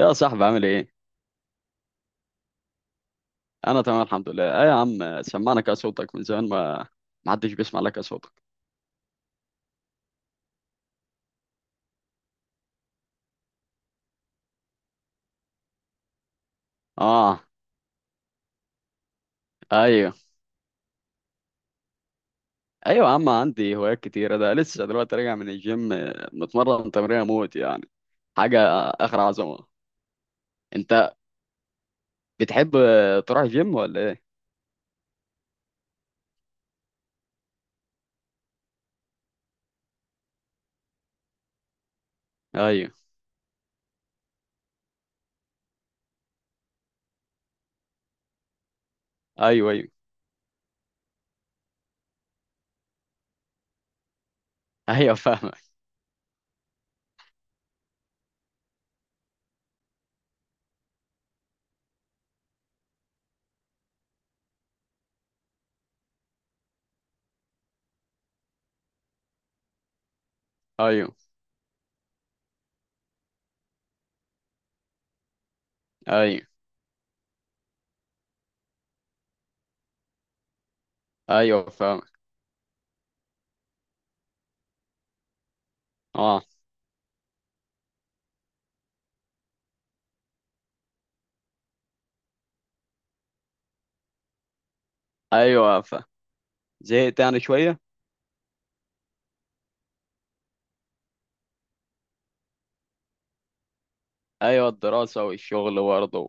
يا صاحبي عامل ايه؟ انا تمام الحمد لله. ايه يا عم سمعنا كده صوتك من زمان ما حدش بيسمع لك يا صوتك. اه. ايوه ايوه. يا عم عندي هوايات كتيرة ده لسه دلوقتي راجع من الجيم، متمرن تمرين موت يعني حاجة اخر عظمة. انت بتحب تروح جيم ولا ايه؟ ايوه ايوه ايوه. ايوه فاهمك. ايوه ايوه ايوه فاهمك. اه ايوه فاهم. زهقت يعني شوية. ايوه، الدراسة والشغل برضه.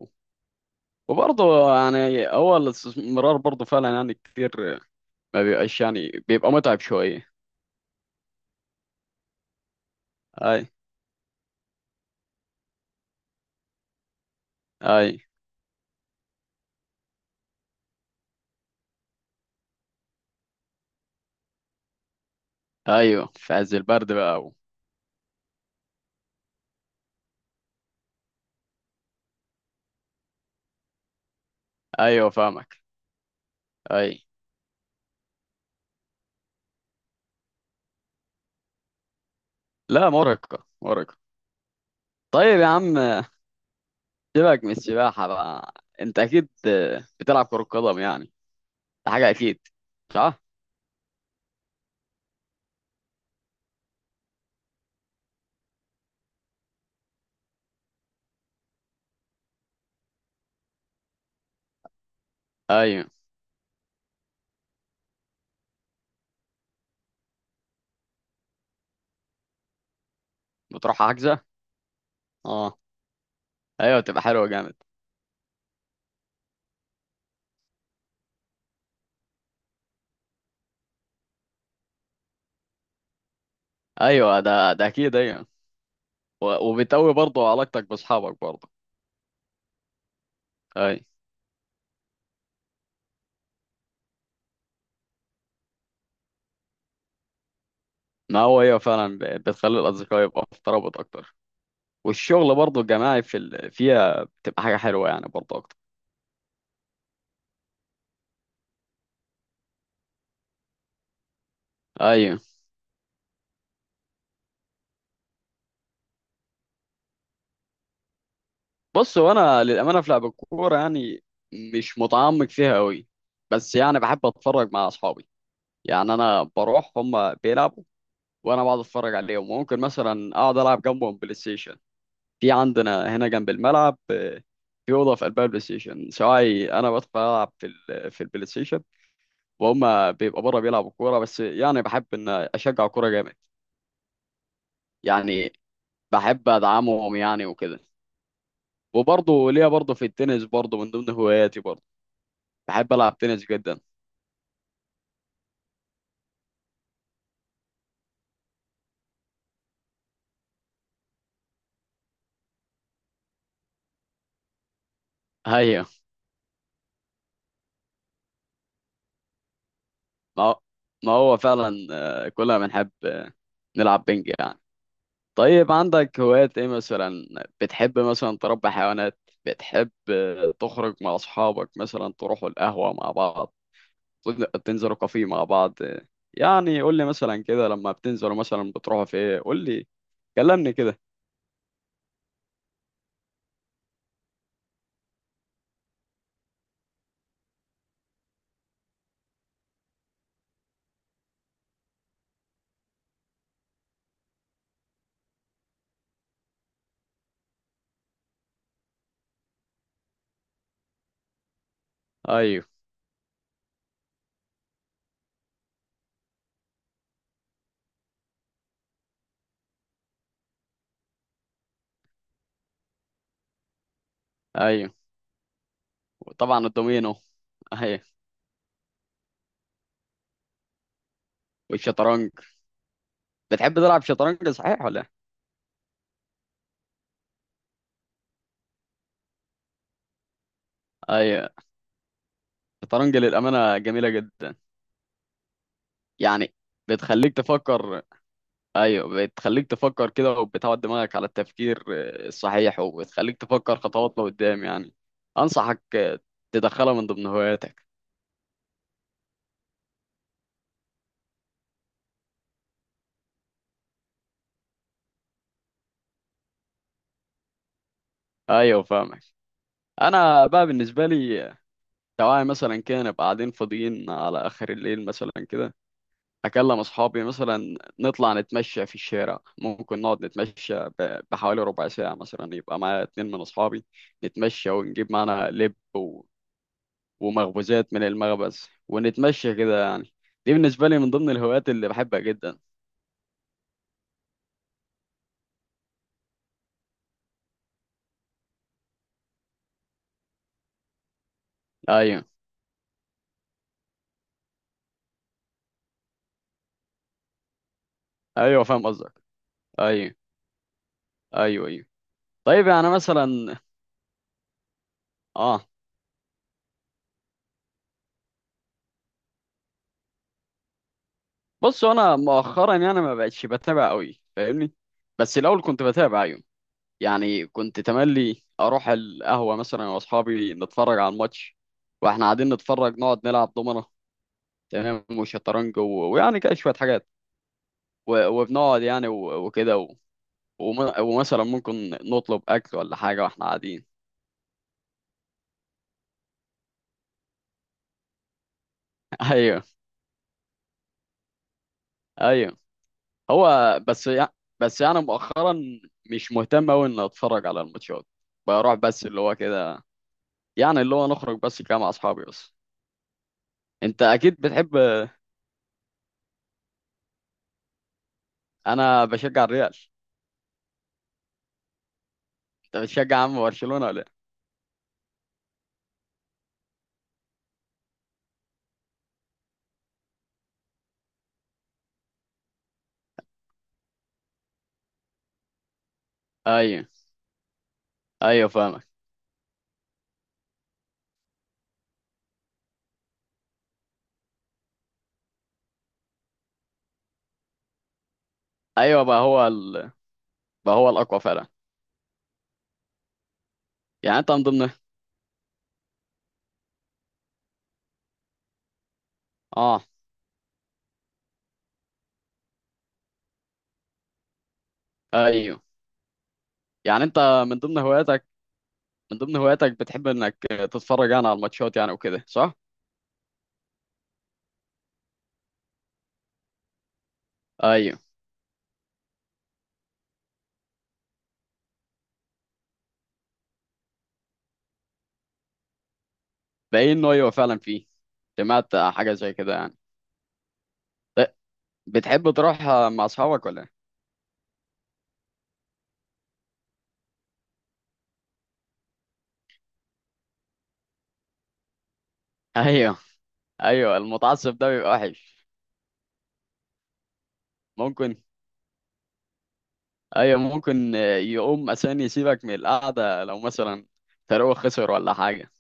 وبرضه يعني هو الاستثمار برضه فعلا يعني كتير، ما بيبقاش يعني بيبقى متعب شوية. اي اي ايوه، في عز البرد بقى ايوه فاهمك. اي. لا، مرهقة مرهقة. طيب يا عم سيبك من السباحة بقى. انت اكيد بتلعب كرة قدم يعني، ده حاجة اكيد. صح. ايوه بتروح حجزة. اه. ايوه تبقى حلوة جامد. ايوه، ده اكيد، ايوه. و- وبتقوي برضه علاقتك باصحابك برضه. اي. ما هو هي فعلا بتخلي الأصدقاء يبقى في ترابط أكتر. والشغل برضه الجماعي فيها بتبقى حاجة حلوة يعني برضه أكتر. أيوة. بص، هو أنا للأمانة في لعب الكورة يعني مش متعمق فيها أوي. بس يعني بحب أتفرج مع أصحابي، يعني أنا بروح هما بيلعبوا، وأنا بقعد أتفرج عليهم، وممكن مثلا أقعد ألعب جنبهم بلاي ستيشن. في عندنا هنا جنب الملعب في أوضة في قلبها البلاي ستيشن، سواء أنا بدخل ألعب في البلاي ستيشن، وهم بيبقى بره بيلعبوا كوره. بس يعني بحب ان اشجع كوره جامد يعني. بحب ادعمهم يعني وكده. وبرضه ليا برضه في التنس برضه من ضمن هواياتي برضه. بحب العب تنس جدا. ايوه. ما هو ما هو فعلا. كلنا بنحب نلعب بينج يعني. طيب عندك هوايات ايه مثلا؟ بتحب مثلا تربي حيوانات؟ بتحب تخرج مع اصحابك مثلا تروحوا القهوه مع بعض؟ بتنزلوا كافيه مع بعض؟ يعني قول لي مثلا كده، لما بتنزلوا مثلا بتروحوا في ايه؟ قول لي، كلمني كده. ايوه. ايوه. وطبعا الدومينو. اهي. والشطرنج. بتحب تلعب شطرنج صحيح ولا إيه؟ ايوه. الشطرنج للامانه جميله جدا، يعني بتخليك تفكر. ايوه، بتخليك تفكر كده، وبتعود دماغك على التفكير الصحيح، وبتخليك تفكر خطوات لقدام يعني. انصحك تدخلها من ضمن هواياتك. ايوه فاهمك. انا بقى بالنسبه لي، تعالى مثلا كده نبقى قاعدين فاضيين على آخر الليل مثلا كده، أكلم أصحابي مثلا نطلع نتمشى في الشارع، ممكن نقعد نتمشى بحوالي ربع ساعة، مثلا يبقى معايا اتنين من أصحابي نتمشى، ونجيب معانا لب ومخبوزات من المخبز ونتمشى كده يعني. دي بالنسبة لي من ضمن الهوايات اللي بحبها جدا. أيوه. أيوه فاهم قصدك. أيوه أيوه أيوه. طيب يعني مثلا آه بص، أنا مؤخرا يعني ما بقتش بتابع قوي، فاهمني؟ بس الأول كنت بتابع، أيوه، يعني كنت تملي اروح القهوه مثلا أنا واصحابي نتفرج على الماتش، واحنا قاعدين نتفرج نقعد نلعب دومنه، تمام، وشطرنج ويعني كده شويه حاجات، و... وبنقعد يعني و... وكده وم... ومثلا ممكن نطلب اكل ولا حاجه واحنا قاعدين. ايوه. ايوه. هو بس يعني، بس يعني مؤخرا مش مهتم قوي اني اتفرج على الماتشات. بروح بس اللي هو كده، يعني اللي هو نخرج بس كده مع اصحابي بس. انت اكيد بتحب. انا بشجع الريال. انت بتشجع عم برشلونه ولا إيه؟ ايوه. ايوه فاهمك. ايوه بقى بقى هو الاقوى فعلا. يعني انت من ضمن. اه ايوه. يعني انت من ضمن هواياتك من ضمن هواياتك بتحب انك تتفرج يعني على الماتشات يعني وكده صح؟ ايوه باين انه ايوه فعلا فيه. سمعت حاجه زي كده يعني. ب- بتحب تروح مع اصحابك ولا إيه؟ ايوه. ايوه المتعصب ده بيبقى وحش. ممكن. ايوه ممكن يقوم عشان يسيبك من القعده لو مثلا فريقه خسر ولا حاجه.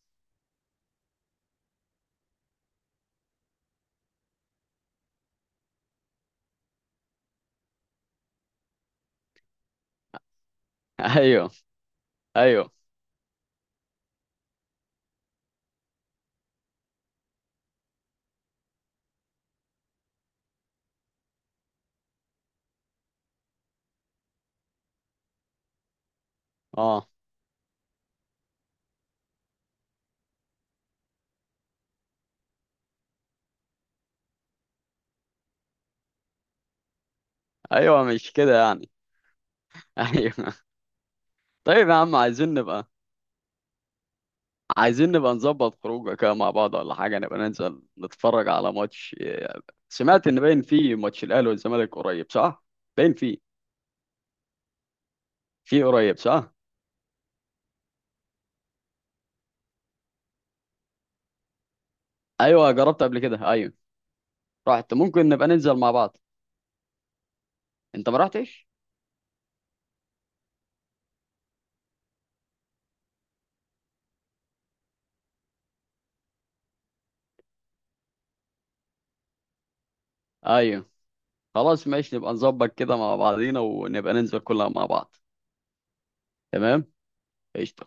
ايوه ايوه. اه ايوه مش كده يعني. ايوه. طيب يا عم عايزين نبقى، عايزين نبقى نظبط خروجه كده مع بعض ولا حاجه، نبقى ننزل نتفرج على ماتش. سمعت ان باين فيه ماتش الاهلي والزمالك قريب صح؟ باين فيه قريب صح. ايوه جربت قبل كده، ايوه. رحت، ممكن نبقى ننزل مع بعض. انت ما رحتش؟ ايوه خلاص ماشي نبقى نظبط كده مع بعضينا ونبقى ننزل كلنا مع بعض. تمام. قشطه.